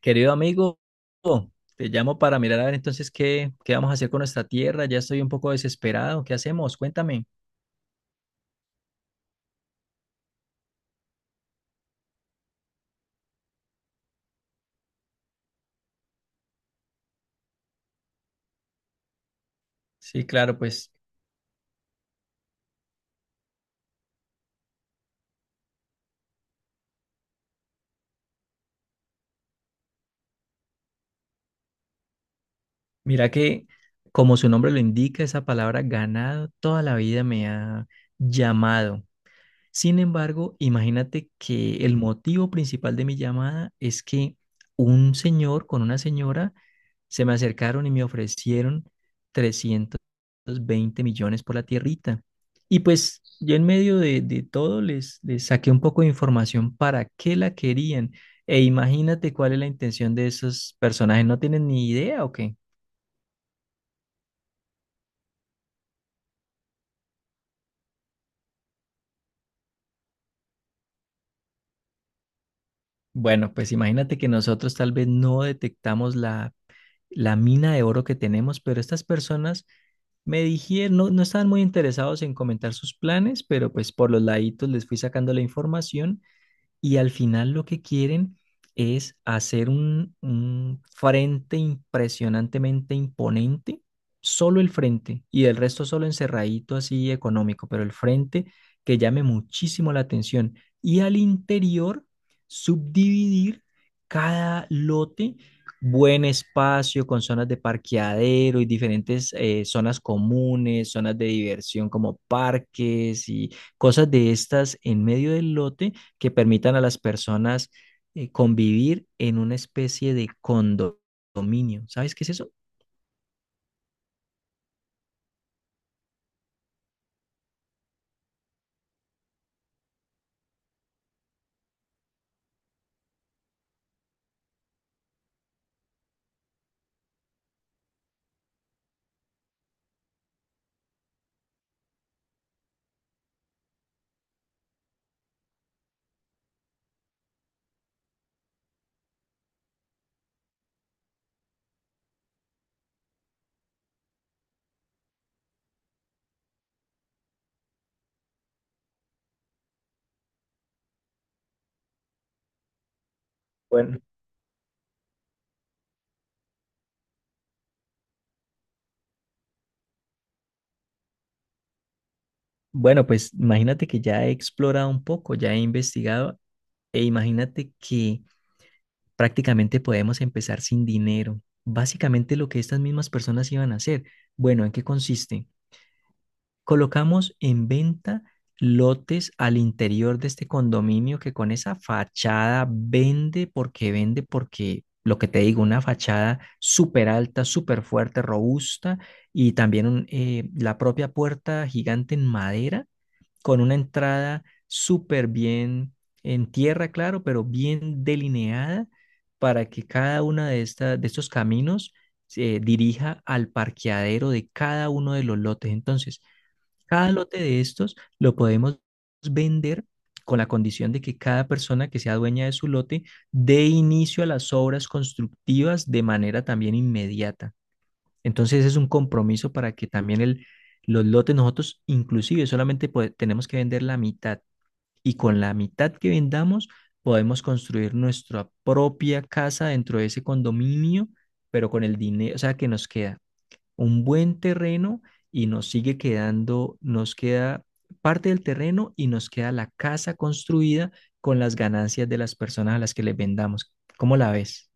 Querido amigo, te llamo para mirar a ver entonces qué vamos a hacer con nuestra tierra. Ya estoy un poco desesperado. ¿Qué hacemos? Cuéntame. Sí, claro, pues mira que como su nombre lo indica, esa palabra ganado toda la vida me ha llamado. Sin embargo, imagínate que el motivo principal de mi llamada es que un señor con una señora se me acercaron y me ofrecieron 320 millones por la tierrita. Y pues yo en medio de todo les saqué un poco de información para qué la querían. E imagínate cuál es la intención de esos personajes. ¿No tienen ni idea o qué? Bueno, pues imagínate que nosotros tal vez no detectamos la mina de oro que tenemos, pero estas personas me dijeron, no, no estaban muy interesados en comentar sus planes, pero pues por los laditos les fui sacando la información y al final lo que quieren es hacer un frente impresionantemente imponente, solo el frente, y el resto solo encerradito así económico, pero el frente que llame muchísimo la atención. Y al interior, subdividir cada lote, buen espacio con zonas de parqueadero y diferentes zonas comunes, zonas de diversión como parques y cosas de estas en medio del lote que permitan a las personas convivir en una especie de condominio. ¿Sabes qué es eso? Bueno, Bueno, pues imagínate que ya he explorado un poco, ya he investigado e imagínate que prácticamente podemos empezar sin dinero. Básicamente lo que estas mismas personas iban a hacer. Bueno, ¿en qué consiste? Colocamos en venta lotes al interior de este condominio que con esa fachada vende, porque vende, porque lo que te digo, una fachada súper alta, súper fuerte, robusta y también la propia puerta gigante en madera con una entrada súper bien en tierra, claro, pero bien delineada para que cada una de estos caminos se dirija al parqueadero de cada uno de los lotes. Entonces, cada lote de estos lo podemos vender con la condición de que cada persona que sea dueña de su lote dé inicio a las obras constructivas de manera también inmediata. Entonces es un compromiso para que también los lotes nosotros inclusive solamente tenemos que vender la mitad, y con la mitad que vendamos podemos construir nuestra propia casa dentro de ese condominio, pero con el dinero, o sea, que nos queda un buen terreno y nos queda parte del terreno y nos queda la casa construida con las ganancias de las personas a las que les vendamos. ¿Cómo la ves?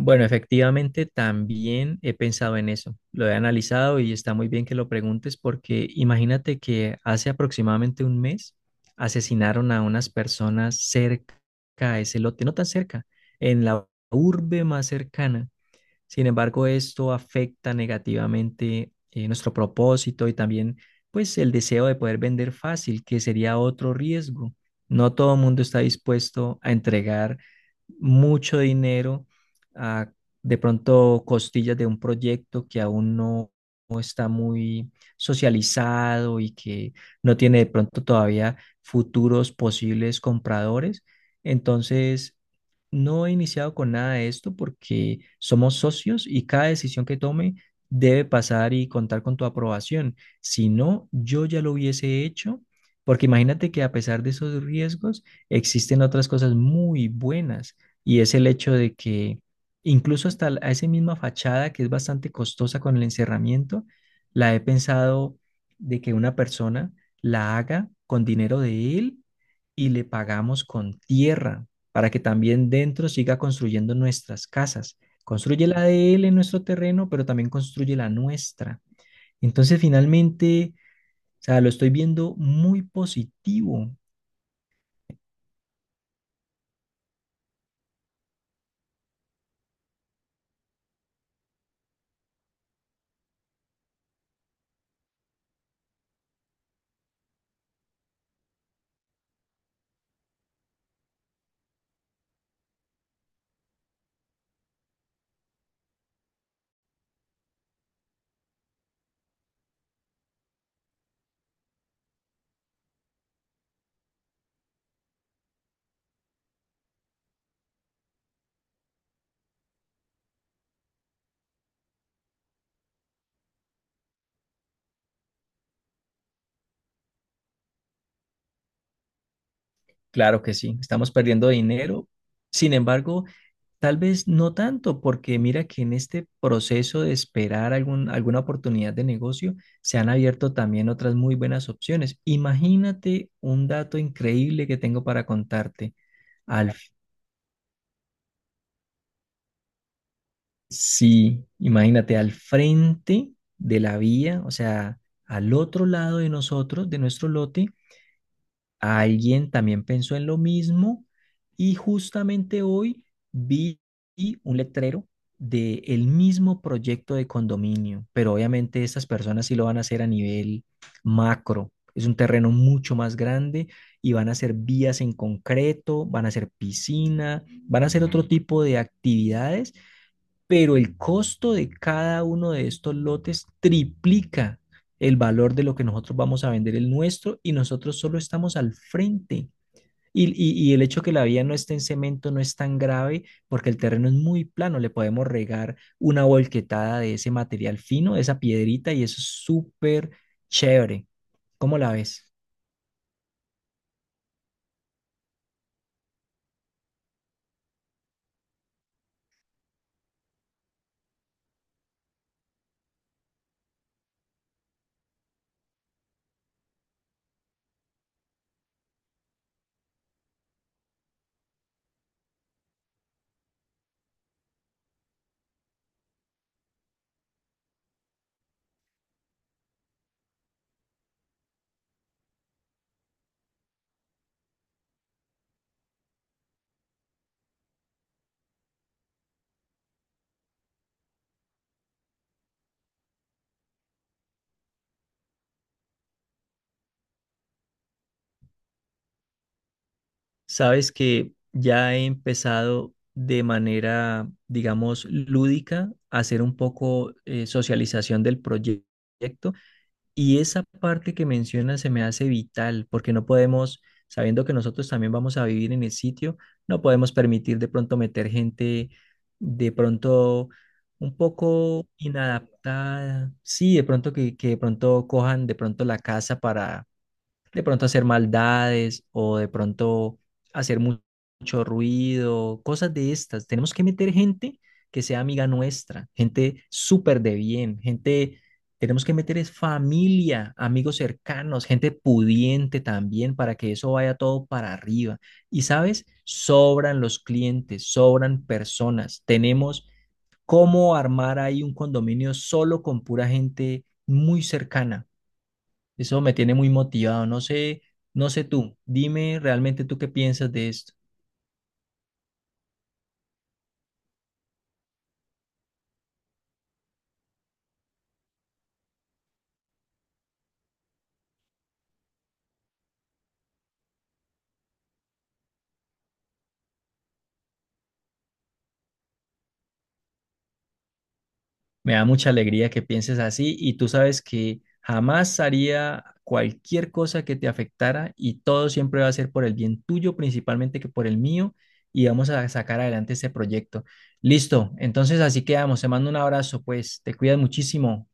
Bueno, efectivamente, también he pensado en eso. Lo he analizado y está muy bien que lo preguntes porque imagínate que hace aproximadamente un mes asesinaron a unas personas cerca a ese lote, no tan cerca, en la urbe más cercana. Sin embargo, esto afecta negativamente nuestro propósito y también pues el deseo de poder vender fácil, que sería otro riesgo. No todo el mundo está dispuesto a entregar mucho dinero a de pronto costillas de un proyecto que aún no está muy socializado y que no tiene de pronto todavía futuros posibles compradores. Entonces, no he iniciado con nada de esto porque somos socios y cada decisión que tome debe pasar y contar con tu aprobación. Si no, yo ya lo hubiese hecho, porque imagínate que a pesar de esos riesgos, existen otras cosas muy buenas y es el hecho de que incluso hasta a esa misma fachada, que es bastante costosa con el encerramiento, la he pensado de que una persona la haga con dinero de él y le pagamos con tierra para que también dentro siga construyendo nuestras casas. Construye la de él en nuestro terreno, pero también construye la nuestra. Entonces, finalmente, o sea, lo estoy viendo muy positivo. Claro que sí, estamos perdiendo dinero. Sin embargo, tal vez no tanto, porque mira que en este proceso de esperar alguna oportunidad de negocio, se han abierto también otras muy buenas opciones. Imagínate un dato increíble que tengo para contarte. Al Sí, imagínate, al frente de la vía, o sea, al otro lado de nosotros, de nuestro lote, alguien también pensó en lo mismo y justamente hoy vi un letrero de el mismo proyecto de condominio, pero obviamente estas personas sí lo van a hacer a nivel macro. Es un terreno mucho más grande y van a hacer vías en concreto, van a hacer piscina, van a hacer otro tipo de actividades, pero el costo de cada uno de estos lotes triplica el valor de lo que nosotros vamos a vender el nuestro, y nosotros solo estamos al frente. Y el hecho que la vía no esté en cemento no es tan grave, porque el terreno es muy plano, le podemos regar una volquetada de ese material fino, de esa piedrita y eso es súper chévere. ¿Cómo la ves? Sabes que ya he empezado de manera, digamos, lúdica a hacer un poco socialización del proyecto, y esa parte que mencionas se me hace vital porque no podemos, sabiendo que nosotros también vamos a vivir en el sitio, no podemos permitir de pronto meter gente de pronto un poco inadaptada, sí, de pronto que de pronto cojan de pronto la casa para de pronto hacer maldades o de pronto hacer mucho ruido, cosas de estas. Tenemos que meter gente que sea amiga nuestra, gente súper de bien, gente, tenemos que meter es familia, amigos cercanos, gente pudiente también para que eso vaya todo para arriba. Y sabes, sobran los clientes, sobran personas. Tenemos cómo armar ahí un condominio solo con pura gente muy cercana. Eso me tiene muy motivado. No sé, no sé tú, dime realmente tú qué piensas de esto. Me da mucha alegría que pienses así y tú sabes que jamás haría cualquier cosa que te afectara y todo siempre va a ser por el bien tuyo, principalmente que por el mío, y vamos a sacar adelante este proyecto. Listo, entonces así quedamos. Te mando un abrazo, pues te cuidas muchísimo.